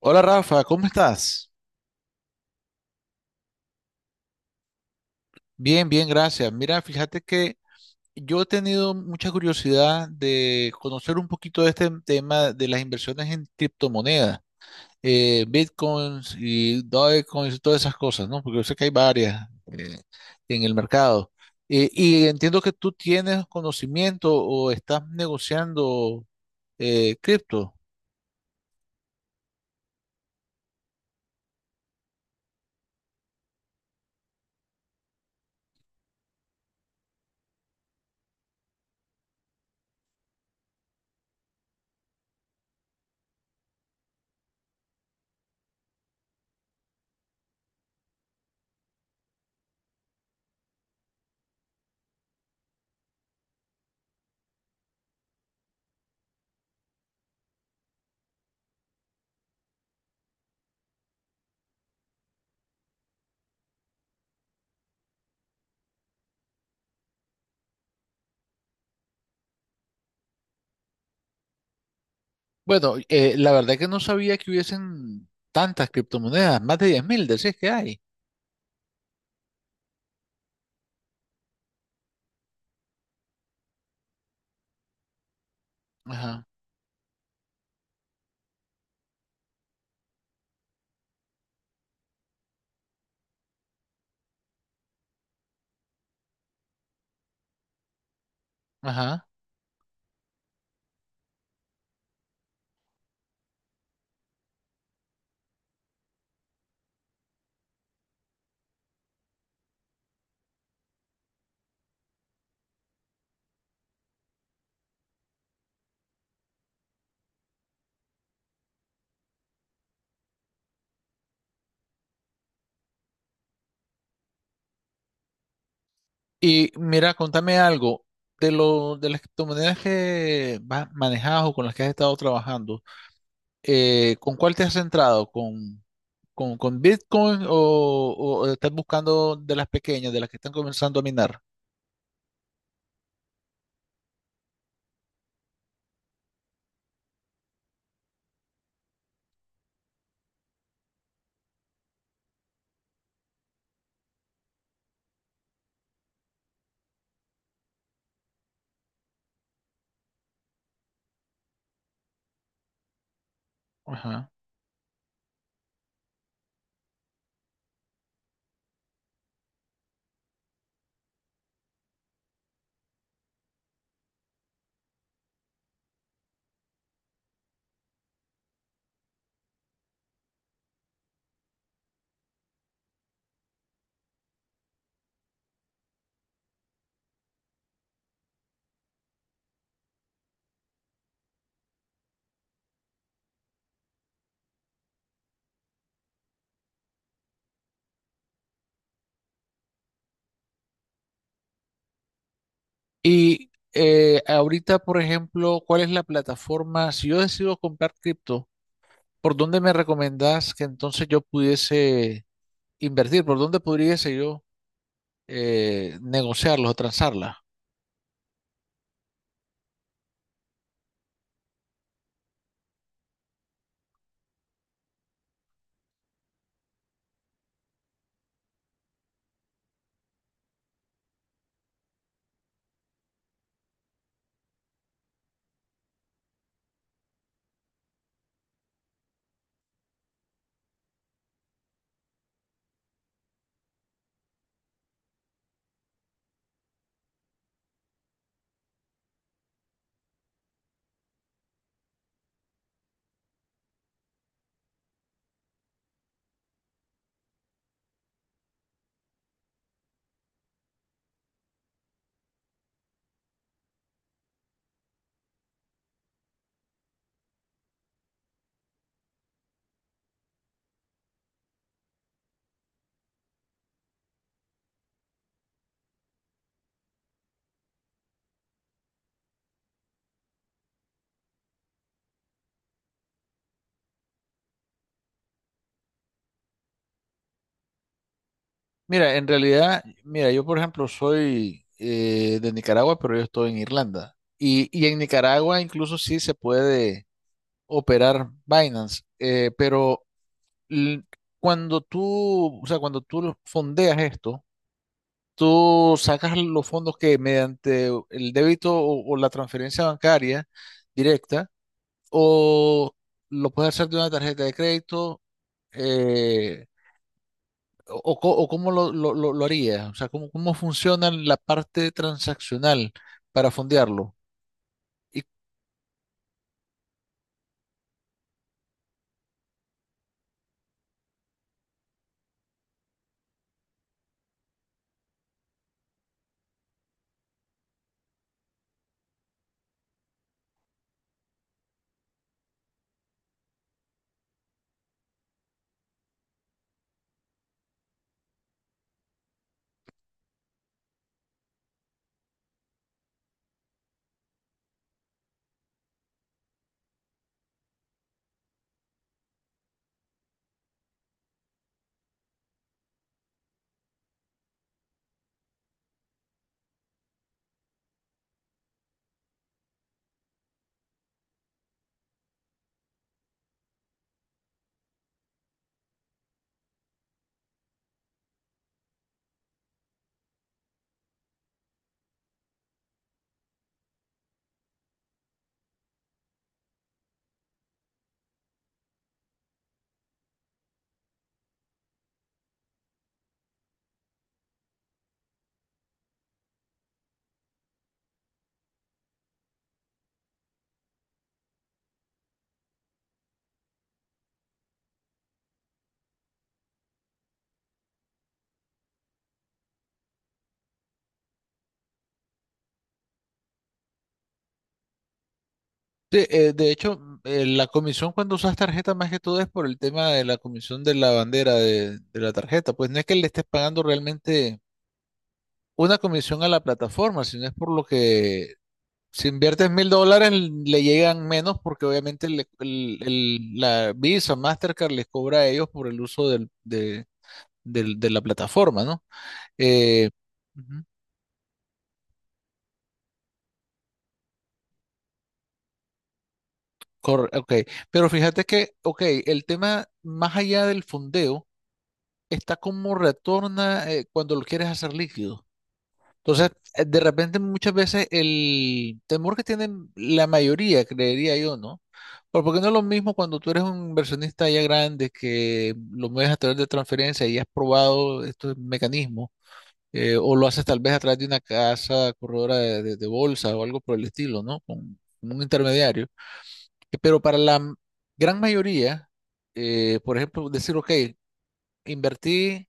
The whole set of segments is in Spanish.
Hola Rafa, ¿cómo estás? Bien, bien, gracias. Mira, fíjate que yo he tenido mucha curiosidad de conocer un poquito de este tema de las inversiones en criptomonedas, bitcoins y dogecoins y todas esas cosas, ¿no? Porque yo sé que hay varias eh, en el mercado. Y entiendo que tú tienes conocimiento o estás negociando cripto. Bueno, la verdad que no sabía que hubiesen tantas criptomonedas, más de 10,000, decís que hay. Ajá, ajá. Y mira, contame algo de lo de las criptomonedas que vas manejas o con las que has estado trabajando. ¿Con cuál te has centrado? ¿Con Bitcoin o estás buscando de las pequeñas, de las que están comenzando a minar? Ajá. Y ahorita, por ejemplo, ¿cuál es la plataforma? Si yo decido comprar cripto, ¿por dónde me recomendás que entonces yo pudiese invertir? ¿Por dónde pudiese yo negociarlos o transarlas? Mira, en realidad, mira, yo por ejemplo soy de Nicaragua, pero yo estoy en Irlanda. Y en Nicaragua incluso sí se puede operar Binance, pero l- cuando tú, o sea, cuando tú lo fondeas esto, tú sacas los fondos que mediante el débito o la transferencia bancaria directa, o lo puedes hacer de una tarjeta de crédito, eh, o, o cómo lo haría, o sea, cómo, cómo funciona la parte transaccional para fondearlo. Y de hecho, la comisión cuando usas tarjeta más que todo es por el tema de la comisión de la bandera de la tarjeta, pues no es que le estés pagando realmente una comisión a la plataforma, sino es por lo que si inviertes mil dólares le llegan menos porque obviamente la Visa, Mastercard les cobra a ellos por el uso de la plataforma, ¿no? Eh, ok, pero fíjate que, ok, el tema más allá del fondeo está como retorna cuando lo quieres hacer líquido. Entonces, de repente muchas veces el temor que tienen la mayoría, creería yo, ¿no? Pero porque no es lo mismo cuando tú eres un inversionista ya grande que lo mueves a través de transferencia y has probado estos mecanismos, o lo haces tal vez a través de una casa corredora de, de bolsa o algo por el estilo, ¿no? Con un intermediario. Pero para la gran mayoría, por ejemplo, decir, ok, invertí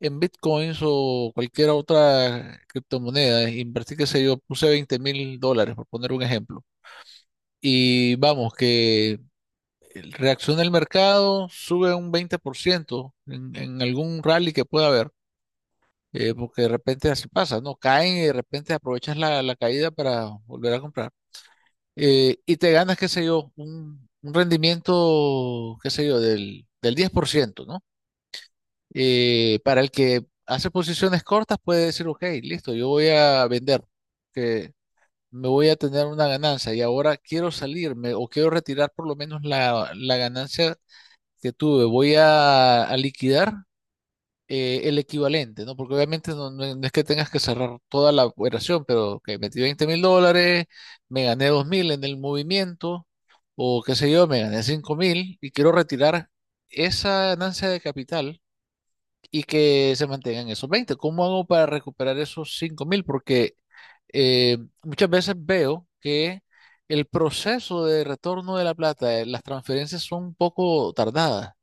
en bitcoins o cualquier otra criptomoneda, invertí, qué sé yo, puse $20,000, por poner un ejemplo. Y vamos, que reacciona el mercado, sube un 20% en algún rally que pueda haber, porque de repente así pasa, ¿no? Caen y de repente aprovechas la, la caída para volver a comprar. Y te ganas, qué sé yo, un rendimiento, qué sé yo, del, del 10%, ¿no? Para el que hace posiciones cortas puede decir, ok, listo, yo voy a vender, que me voy a tener una ganancia y ahora quiero salirme o quiero retirar por lo menos la, la ganancia que tuve, voy a liquidar el equivalente, ¿no? Porque obviamente no es que tengas que cerrar toda la operación, pero que metí $20,000, me gané 2,000 en el movimiento, o qué sé yo, me gané 5,000 y quiero retirar esa ganancia de capital y que se mantengan esos 20. ¿Cómo hago para recuperar esos 5,000? Porque muchas veces veo que el proceso de retorno de la plata, las transferencias son un poco tardadas.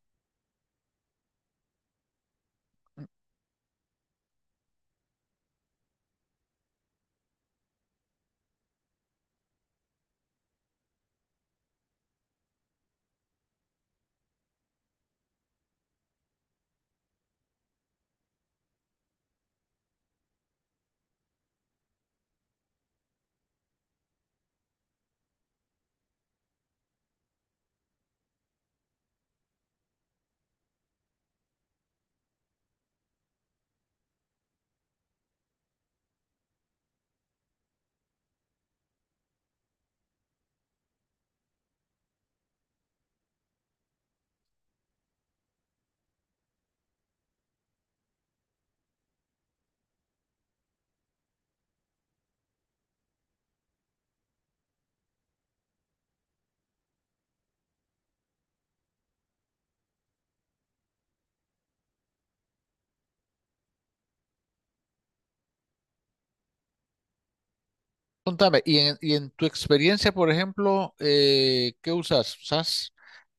Contame, y en tu experiencia, por ejemplo, ¿qué usas? ¿Usas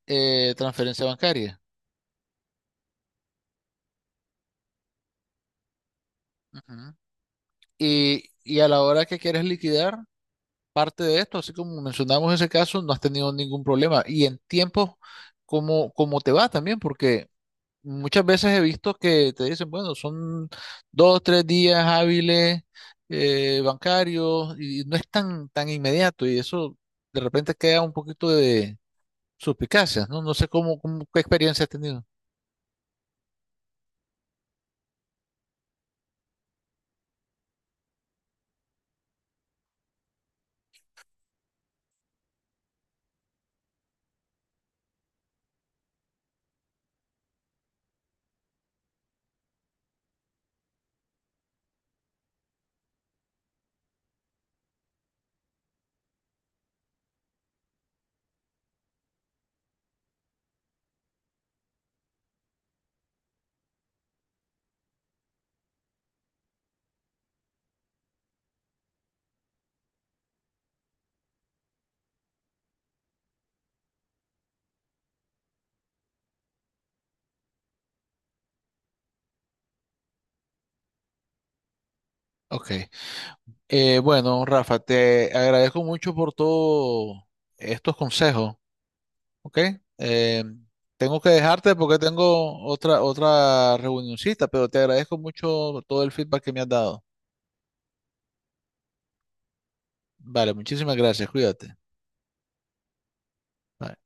transferencia bancaria? Ujú. Y a la hora que quieres liquidar parte de esto, así como mencionamos ese caso, no has tenido ningún problema. Y en tiempo, ¿cómo, cómo te va también? Porque muchas veces he visto que te dicen, bueno, son dos, tres días hábiles bancarios y no es tan, tan inmediato y eso de repente queda un poquito suspicacias, ¿no? No sé cómo, qué experiencia has tenido. Ok. Bueno, Rafa, te agradezco mucho por todos estos consejos, ¿ok? Eh, Tengo que dejarte porque tengo otra, otra reunioncita, pero te agradezco mucho todo el feedback que me has dado. Vale, muchísimas gracias, cuídate. Bye.